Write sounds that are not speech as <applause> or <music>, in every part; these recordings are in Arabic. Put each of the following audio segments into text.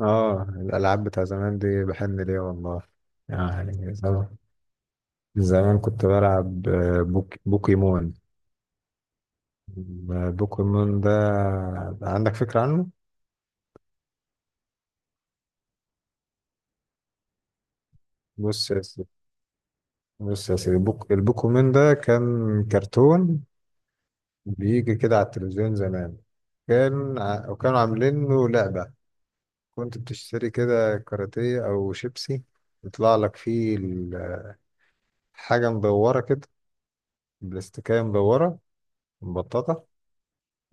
اه، الالعاب بتاع زمان دي بحن ليها والله. يعني زمان. زمان كنت بلعب بوكيمون. بوكيمون ده عندك فكرة عنه؟ بص يا سيدي، بص يا سيدي، البوكيمون ده كان كرتون بيجي كده على التلفزيون زمان. وكانوا عاملين له لعبة. كنت بتشتري كده كاراتيه أو شيبسي، يطلع لك فيه حاجة مدورة كده، بلاستيكية مدورة، مبططة.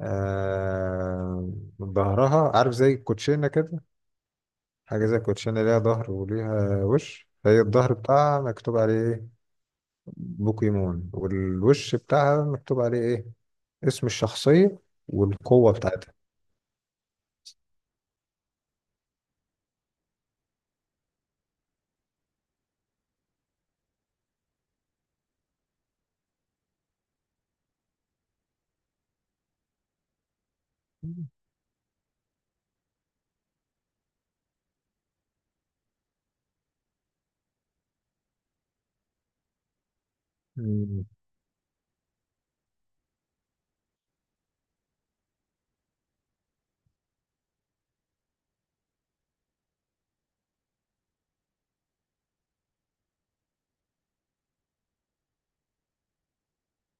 آه ظهرها، عارف، زي الكوتشينة كده. حاجة زي الكوتشينة، ليها ظهر وليها وش. هي الظهر بتاعها مكتوب عليه ايه؟ بوكيمون. والوش بتاعها مكتوب عليه ايه؟ اسم الشخصية والقوة بتاعتها. مم.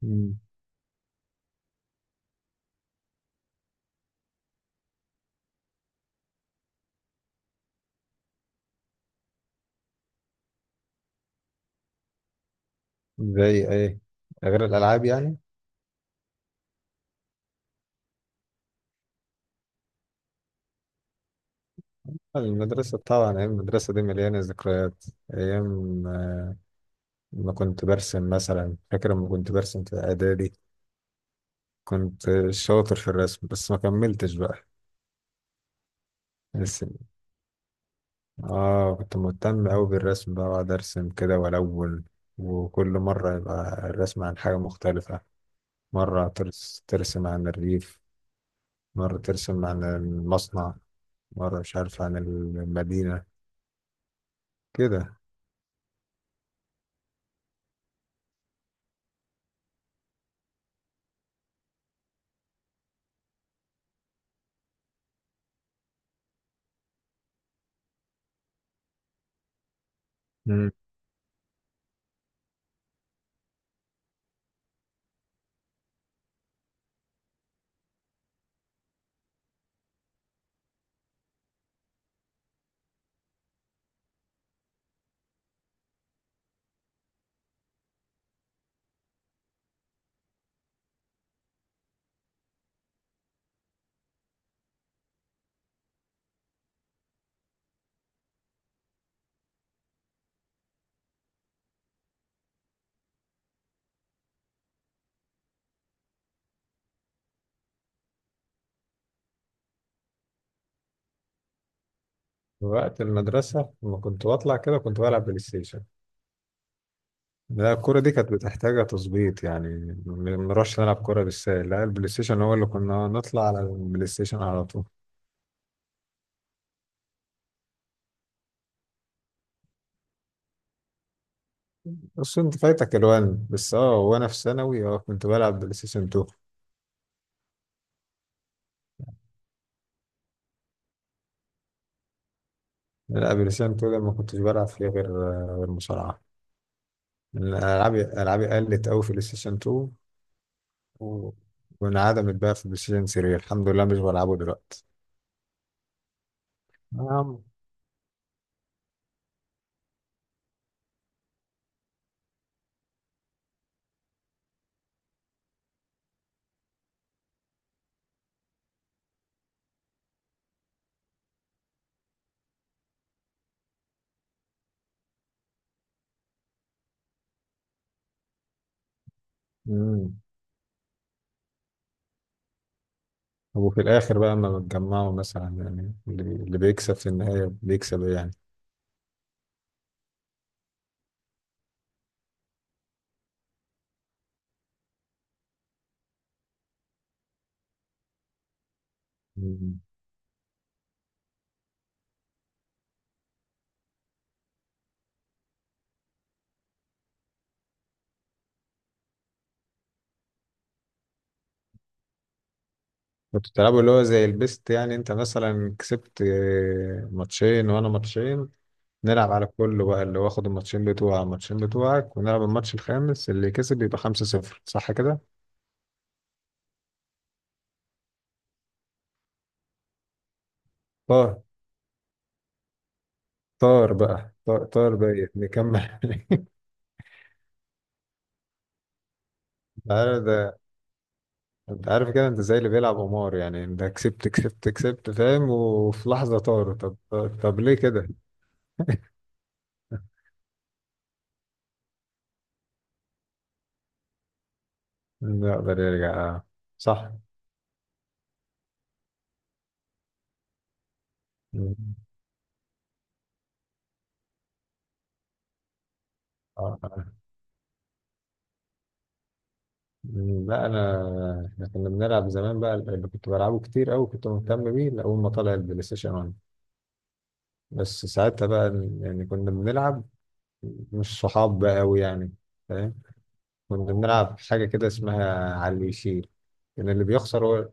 مم. زي ايه؟ غير الألعاب يعني. المدرسة طبعا، أيام المدرسة دي مليانة ذكريات. أيام ما كنت برسم مثلا. فاكر لما كنت برسم في إعدادي، كنت شاطر في الرسم بس ما كملتش بقى. ارسم، اه كنت مهتم اوي بالرسم بقى، واقعد ارسم كده والون. وكل مرة يبقى الرسم عن حاجة مختلفة، مرة ترسم عن الريف، مرة ترسم عن المصنع، مرة مش عارف، عن المدينة كده. مم. وقت المدرسة لما كنت بطلع كده كنت بلعب بلاي ستيشن. لا، الكورة دي كانت بتحتاج تظبيط يعني، ما بنروحش نلعب كورة بالسهل، لا البلاي ستيشن هو اللي كنا نطلع على البلاي ستيشن على طول. بس انت فايتك الوان، بس اه، وانا في ثانوي اه كنت بلعب بلاي ستيشن 2. لا بلاي ستيشن 2 ده ما كنتش بلعب فيه غير مصارعه، لأن العابي قلت قوي في بلاي ستيشن 2، و- وانعدمت بقى في بلاي ستيشن 3. الحمد لله مش بلعبه دلوقتي. نعم. امم. وفي الاخر بقى اما بتجمعوا مثلا، يعني اللي بيكسب في النهايه بيكسب إيه يعني؟ مم. كنتوا بتلعبوا اللي هو زي البيست، يعني انت مثلا كسبت ماتشين وانا ماتشين، نلعب على كله بقى. اللي واخد الماتشين بتوعك، ونلعب الماتش الخامس، اللي كسب يبقى 5-0. صح كده؟ طار. طار بقى طار، طار بقى نكمل. <laughs> انت عارف ده، انت عارف كده، انت زي اللي بيلعب قمار، يعني انت كسبت كسبت كسبت، فاهم، وفي لحظة طار. طب، طب ليه كده؟ <laughs> يقدر يرجع آه. صح. مم. آه. مم. لا احنا كنا بنلعب زمان بقى، اللي كنت بلعبه كتير قوي كنت مهتم بيه لأول ما طلع البلاي ستيشن. بس ساعتها بقى يعني كنا بنلعب، مش صحاب بقى أوي يعني، فاهم، كنا بنلعب حاجة كده اسمها على اللي يشيل، إن اللي بيخسر هو.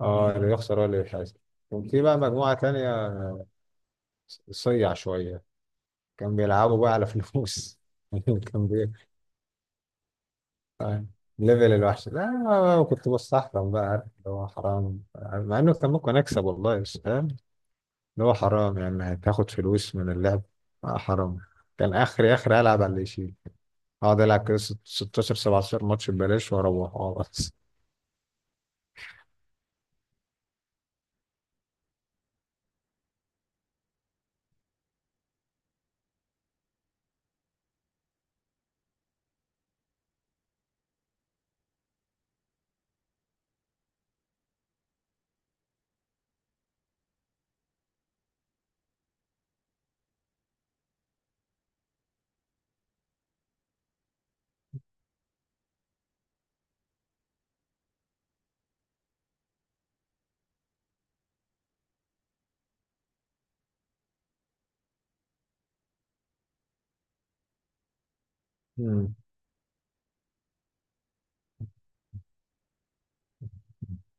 اه، اللي بيخسر هو اللي بيحاسب. كان في بقى مجموعة تانية، صيع شوية، كان بيلعبوا بقى على فلوس. <laughs> كان بي آه، ليفل الوحش. لا أنا كنت بستحرم بقى، عارف اللي هو حرام. مع إنه كان ممكن أكسب والله، بس فاهم، اللي هو حرام يعني هتاخد فلوس من اللعب. آه حرام. كان آخري آخري ألعب على اللي يشيل، هقعد العب كده 16 17 ماتش ببلاش واروح، اه بس. مم.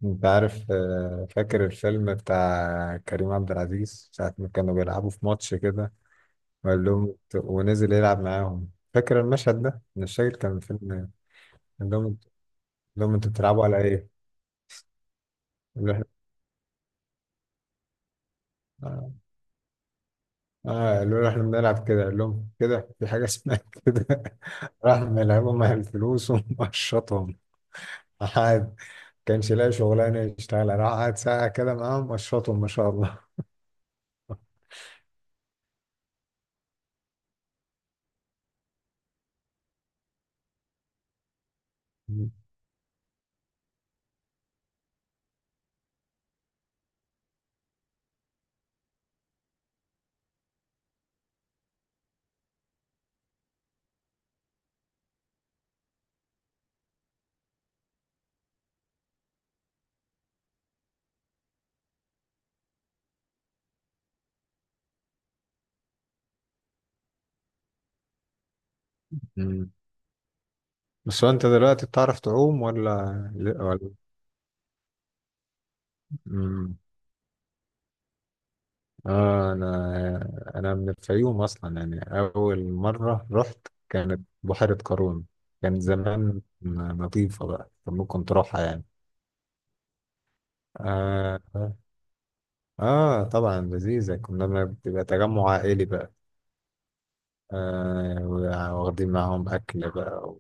انت عارف، فاكر الفيلم بتاع كريم عبد العزيز ساعة ما كانوا بيلعبوا في ماتش كده، ونزل يلعب معاهم. فاكر المشهد ده؟ أنا مش فاكر كان فيلم إيه. قال لهم انتوا بتلعبوا على ايه؟ قال له احنا اه قالوا له احنا بنلعب كده، قال لهم كده في حاجة اسمها كده. <laughs> راح ملعبهم على الفلوس ومشطهم. قعد كانش لاقي شغلانة يشتغلها، راح قعد ساعة كده معاهم، مشطهم ما شاء الله. مم. بس هو انت دلوقتي بتعرف تعوم ولا ولا؟ مم. اه انا من الفيوم اصلا، يعني اول مره رحت كانت بحيره قارون. كان زمان نظيفه بقى فممكن تروحها يعني. آه, آه. طبعا لذيذة، كنا ما بتبقى تجمع عائلي بقى، واخدين معاهم أكل بقى،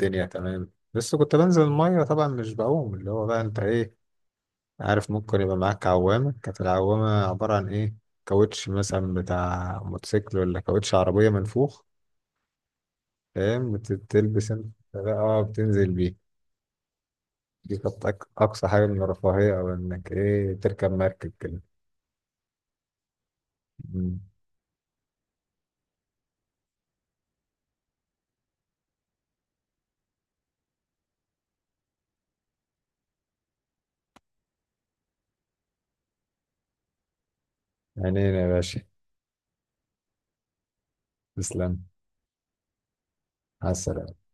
والدنيا تمام. بس كنت بنزل المية طبعا، مش بعوم، اللي هو بقى أنت إيه، عارف، ممكن يبقى معاك عوامة. كانت العوامة عبارة عن إيه؟ كاوتش مثلا بتاع موتوسيكل، ولا كاوتش عربية منفوخ، فاهم، بتلبس أنت بقى. اه بتنزل بيه. دي كانت أقصى حاجة من الرفاهية، أو إنك إيه تركب مركب كده. مم. عينينا يا باشا. تسلم. على السلامة.